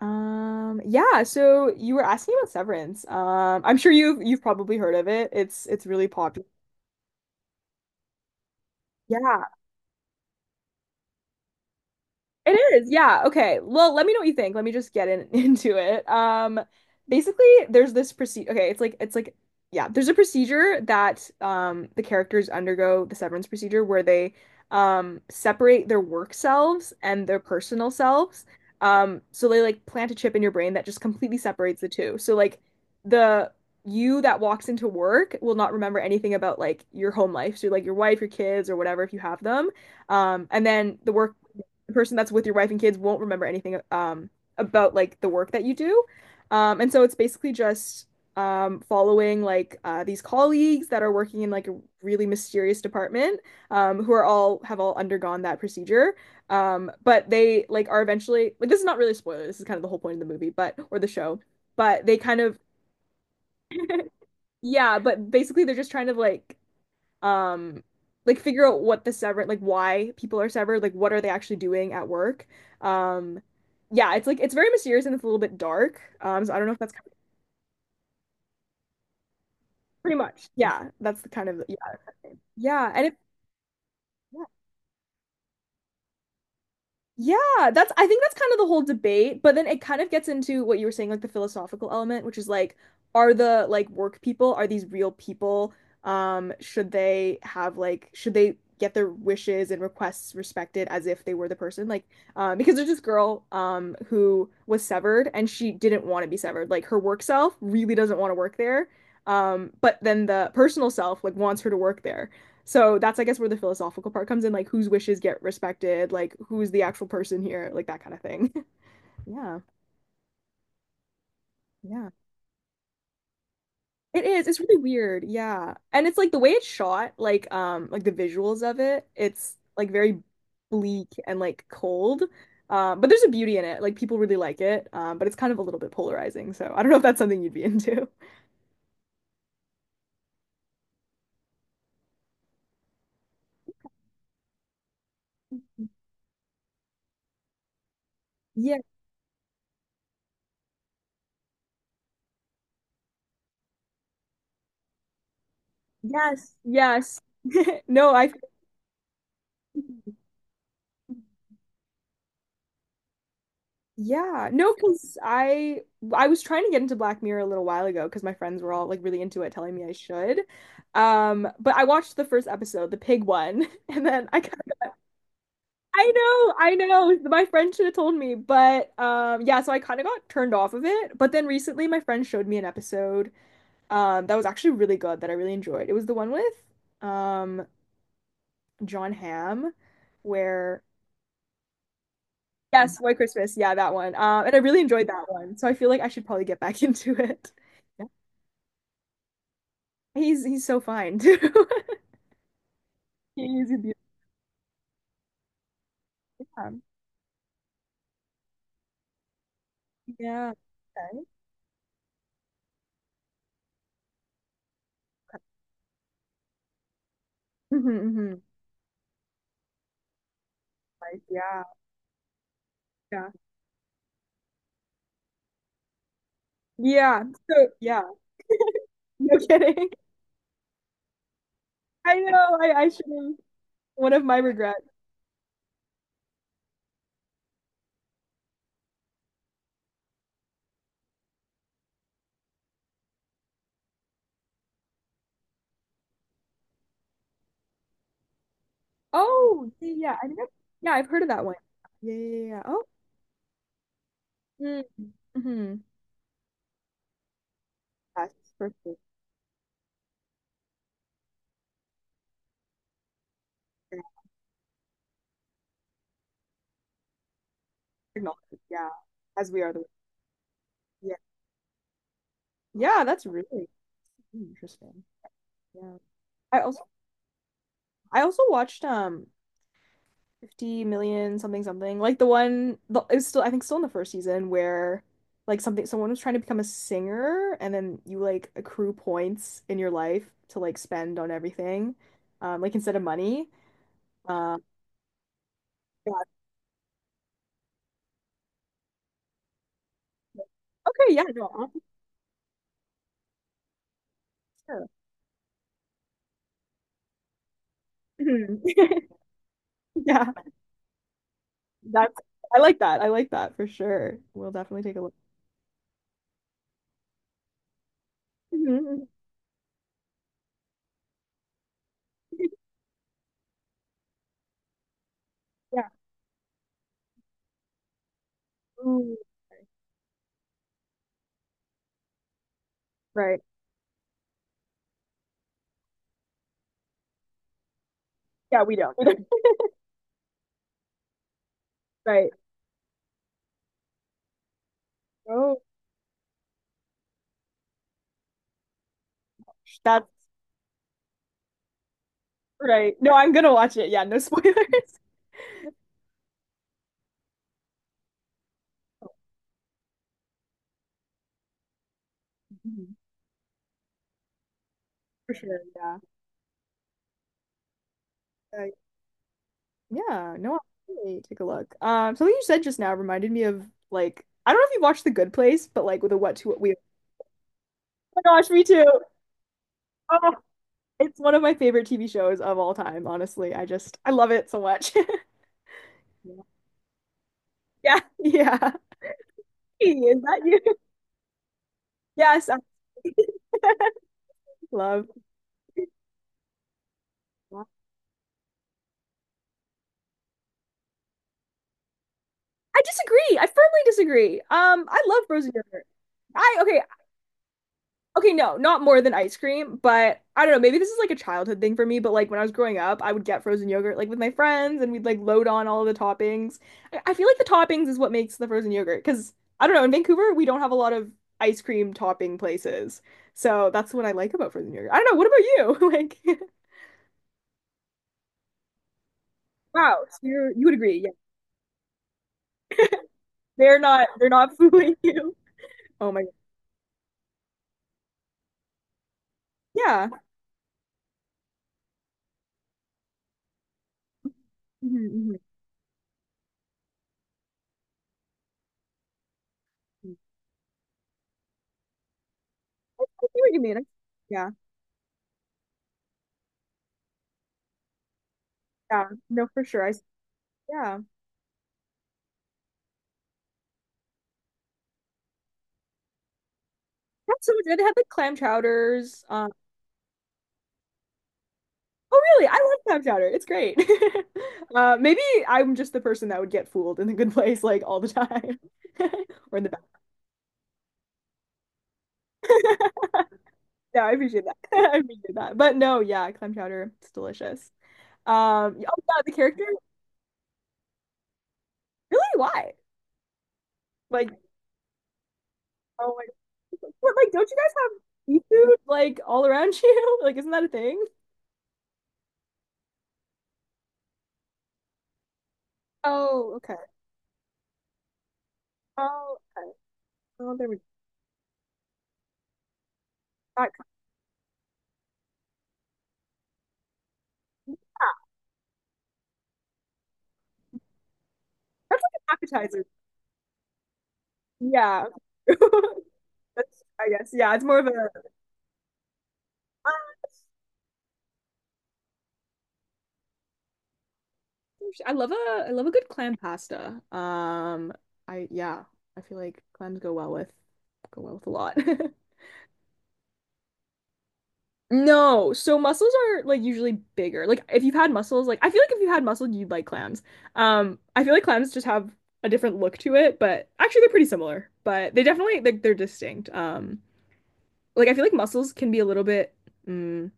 Yeah, so you were asking about Severance. I'm sure you've probably heard of it. It's really popular. Yeah. It is, yeah. Okay. Well, let me know what you think. Let me just get in into it. Basically, there's this procedure. Okay, it's like yeah, there's a procedure that the characters undergo the severance procedure where they separate their work selves and their personal selves. So they like plant a chip in your brain that just completely separates the two. So like the you that walks into work will not remember anything about like your home life. So like your wife, your kids, or whatever if you have them. And then the person that's with your wife and kids won't remember anything about like the work that you do. And so it's basically just following like these colleagues that are working in like a really mysterious department who are all have all undergone that procedure. But they like are eventually like this is not really a spoiler. This is kind of the whole point of the movie, but or the show. But they kind of yeah, but basically they're just trying to um like figure out what the sever like why people are severed, like what are they actually doing at work. Um yeah, it's like it's very mysterious and it's a little bit dark. So I don't know if that's kind of- pretty much. Yeah, that's the kind of yeah. Yeah, and if yeah, that's I think that's kind of the whole debate, but then it kind of gets into what you were saying, like the philosophical element, which is like, are the like work people, are these real people? Should they have like should they get their wishes and requests respected as if they were the person? Like, because there's this girl who was severed and she didn't want to be severed. Like her work self really doesn't want to work there. But then the personal self like wants her to work there. So that's, I guess, where the philosophical part comes in, like whose wishes get respected, like who's the actual person here, like that kind of thing. Yeah, yeah. It is. It's really weird. Yeah. And it's like the way it's shot, like the visuals of it, it's like very bleak and like cold. But there's a beauty in it. Like people really like it. But it's kind of a little bit polarizing. So I don't know if that's something you'd be into. Yeah. Yes. Yes. No, I yeah, no, because I was trying to get into Black Mirror a little while ago because my friends were all like really into it, telling me I should. But I watched the first episode, the pig one, and then I kind of, I know, my friend should have told me, but yeah, so I kind of got turned off of it. But then recently, my friend showed me an episode that was actually really good that I really enjoyed. It was the one with um John Hamm, where yes, White Christmas. Yeah, that one. And I really enjoyed that one. So I feel like I should probably get back into it. Yeah. He's so fine too. He's a beautiful man. Yeah. Okay. Mm-hmm, hmm like, yeah, yeah. Yeah. So yeah. No kidding. I know. I should have one of my regrets. Oh, yeah, yeah. I think I've, yeah, I've heard of that one. Yeah, yeah, yeah, yeah. Oh. Mm, mm-hmm. Yes, for sure. Yeah. Acknowledge it. Yeah. As we are the yeah. Yeah, that's really interesting. Yeah. I also I also watched 50 million something like it was still I think still in the first season where like something someone was trying to become a singer and then you like accrue points in your life to like spend on everything like instead of money um yeah. Okay, yeah, no, I'll- sure. Mhm. Yeah, that's I like that for sure, we'll definitely take a look. Mhm. Yeah. Ooh, right. Yeah, we don't right, oh, that's right. No, I'm gonna watch it. Yeah, no spoilers. Mhm. For sure, yeah. Uh, yeah, no, I'll definitely take a look. Something you said just now reminded me of like I don't know if you watched The Good Place, but like with a what to what we. Oh my gosh, me too. Oh, it's one of my favorite TV shows of all time, honestly. I love it so much. Yeah. Yeah, yeah. Hey, is that you? Yes, I love. I disagree. I firmly disagree. I love frozen yogurt. I okay. Okay, no, not more than ice cream, but I don't know, maybe this is like a childhood thing for me, but like when I was growing up, I would get frozen yogurt like with my friends and we'd like load on all of the toppings. I feel like the toppings is what makes the frozen yogurt because I don't know, in Vancouver, we don't have a lot of ice cream topping places. So that's what I like about frozen yogurt. I don't know, what about you? Like, wow, so you're, you would agree. Yeah. They're not fooling you. Oh my God. Yeah. Hmm. I see what you mean. I- yeah. Yeah. No, for sure. I s- yeah. That's so much good. They had like clam chowders. Oh, really? I love clam chowder. It's great. Maybe I'm just the person that would get fooled in the good place like all the time or in the back. No, I appreciate that. I appreciate that. But no, yeah, clam chowder. It's delicious. Oh yeah, the character. Really? Why? Like, oh my God. But like, don't you guys have seafood like all around you? Like, isn't that a thing? Oh, okay. Oh, okay. Oh, there we go. That- that's like an appetizer. Yeah. That's, I guess. Yeah, it's more of a gosh, I love a good clam pasta. I yeah, I feel like clams go well with a lot. No, so mussels are like usually bigger. Like if you've had mussels, like I feel like if you had mussels, you'd like clams. I feel like clams just have a different look to it, but actually they're pretty similar. But they definitely like they're distinct. Like I feel like mussels can be a little bit. Mm,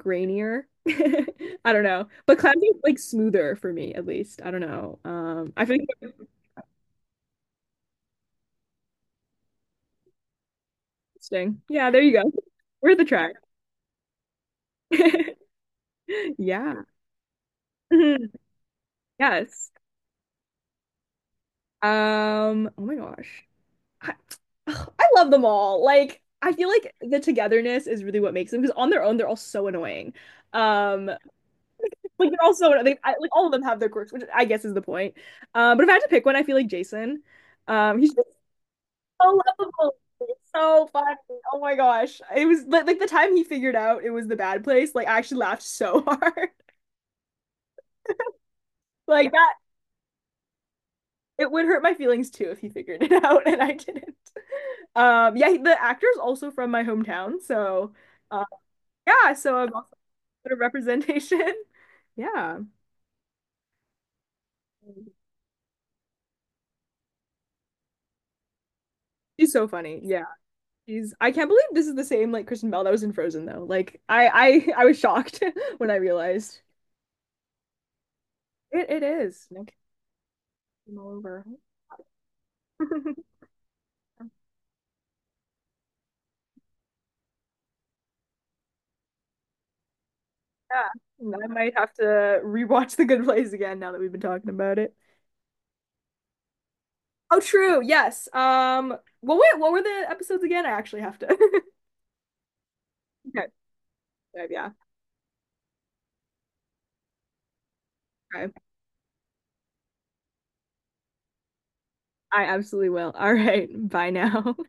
grainier. I don't know. But clouds are like smoother for me, at least. I don't know. I think they're interesting. Yeah, there you go. We're at the track. Yeah. Mhm. Yes. Oh my gosh. I, ugh, I love them all. Like, I feel like the togetherness is really what makes them because on their own they're all so annoying. Um, like they're all so they like all of them have their quirks, which I guess is the point. But if I had to pick one, I feel like Jason. He's so lovable. It's so funny. Oh my gosh. It was like the time he figured out it was the bad place, like I actually laughed so hard. Like that it would hurt my feelings too if he figured it out and I didn't. Yeah, the actor's also from my hometown, so uh yeah, so I'm also a bit of representation. Yeah. She's so funny. Yeah. She's I can't believe this is the same like Kristen Bell that was in Frozen though. Like I was shocked when I realized it it is. No kidding all over. Yeah, and I might have to rewatch The Good Place again now that we've been talking about it. Oh, true. Yes. Well, wait. What were the episodes again? I actually have to. Okay. Yeah. Okay. I absolutely will. All right. Bye now.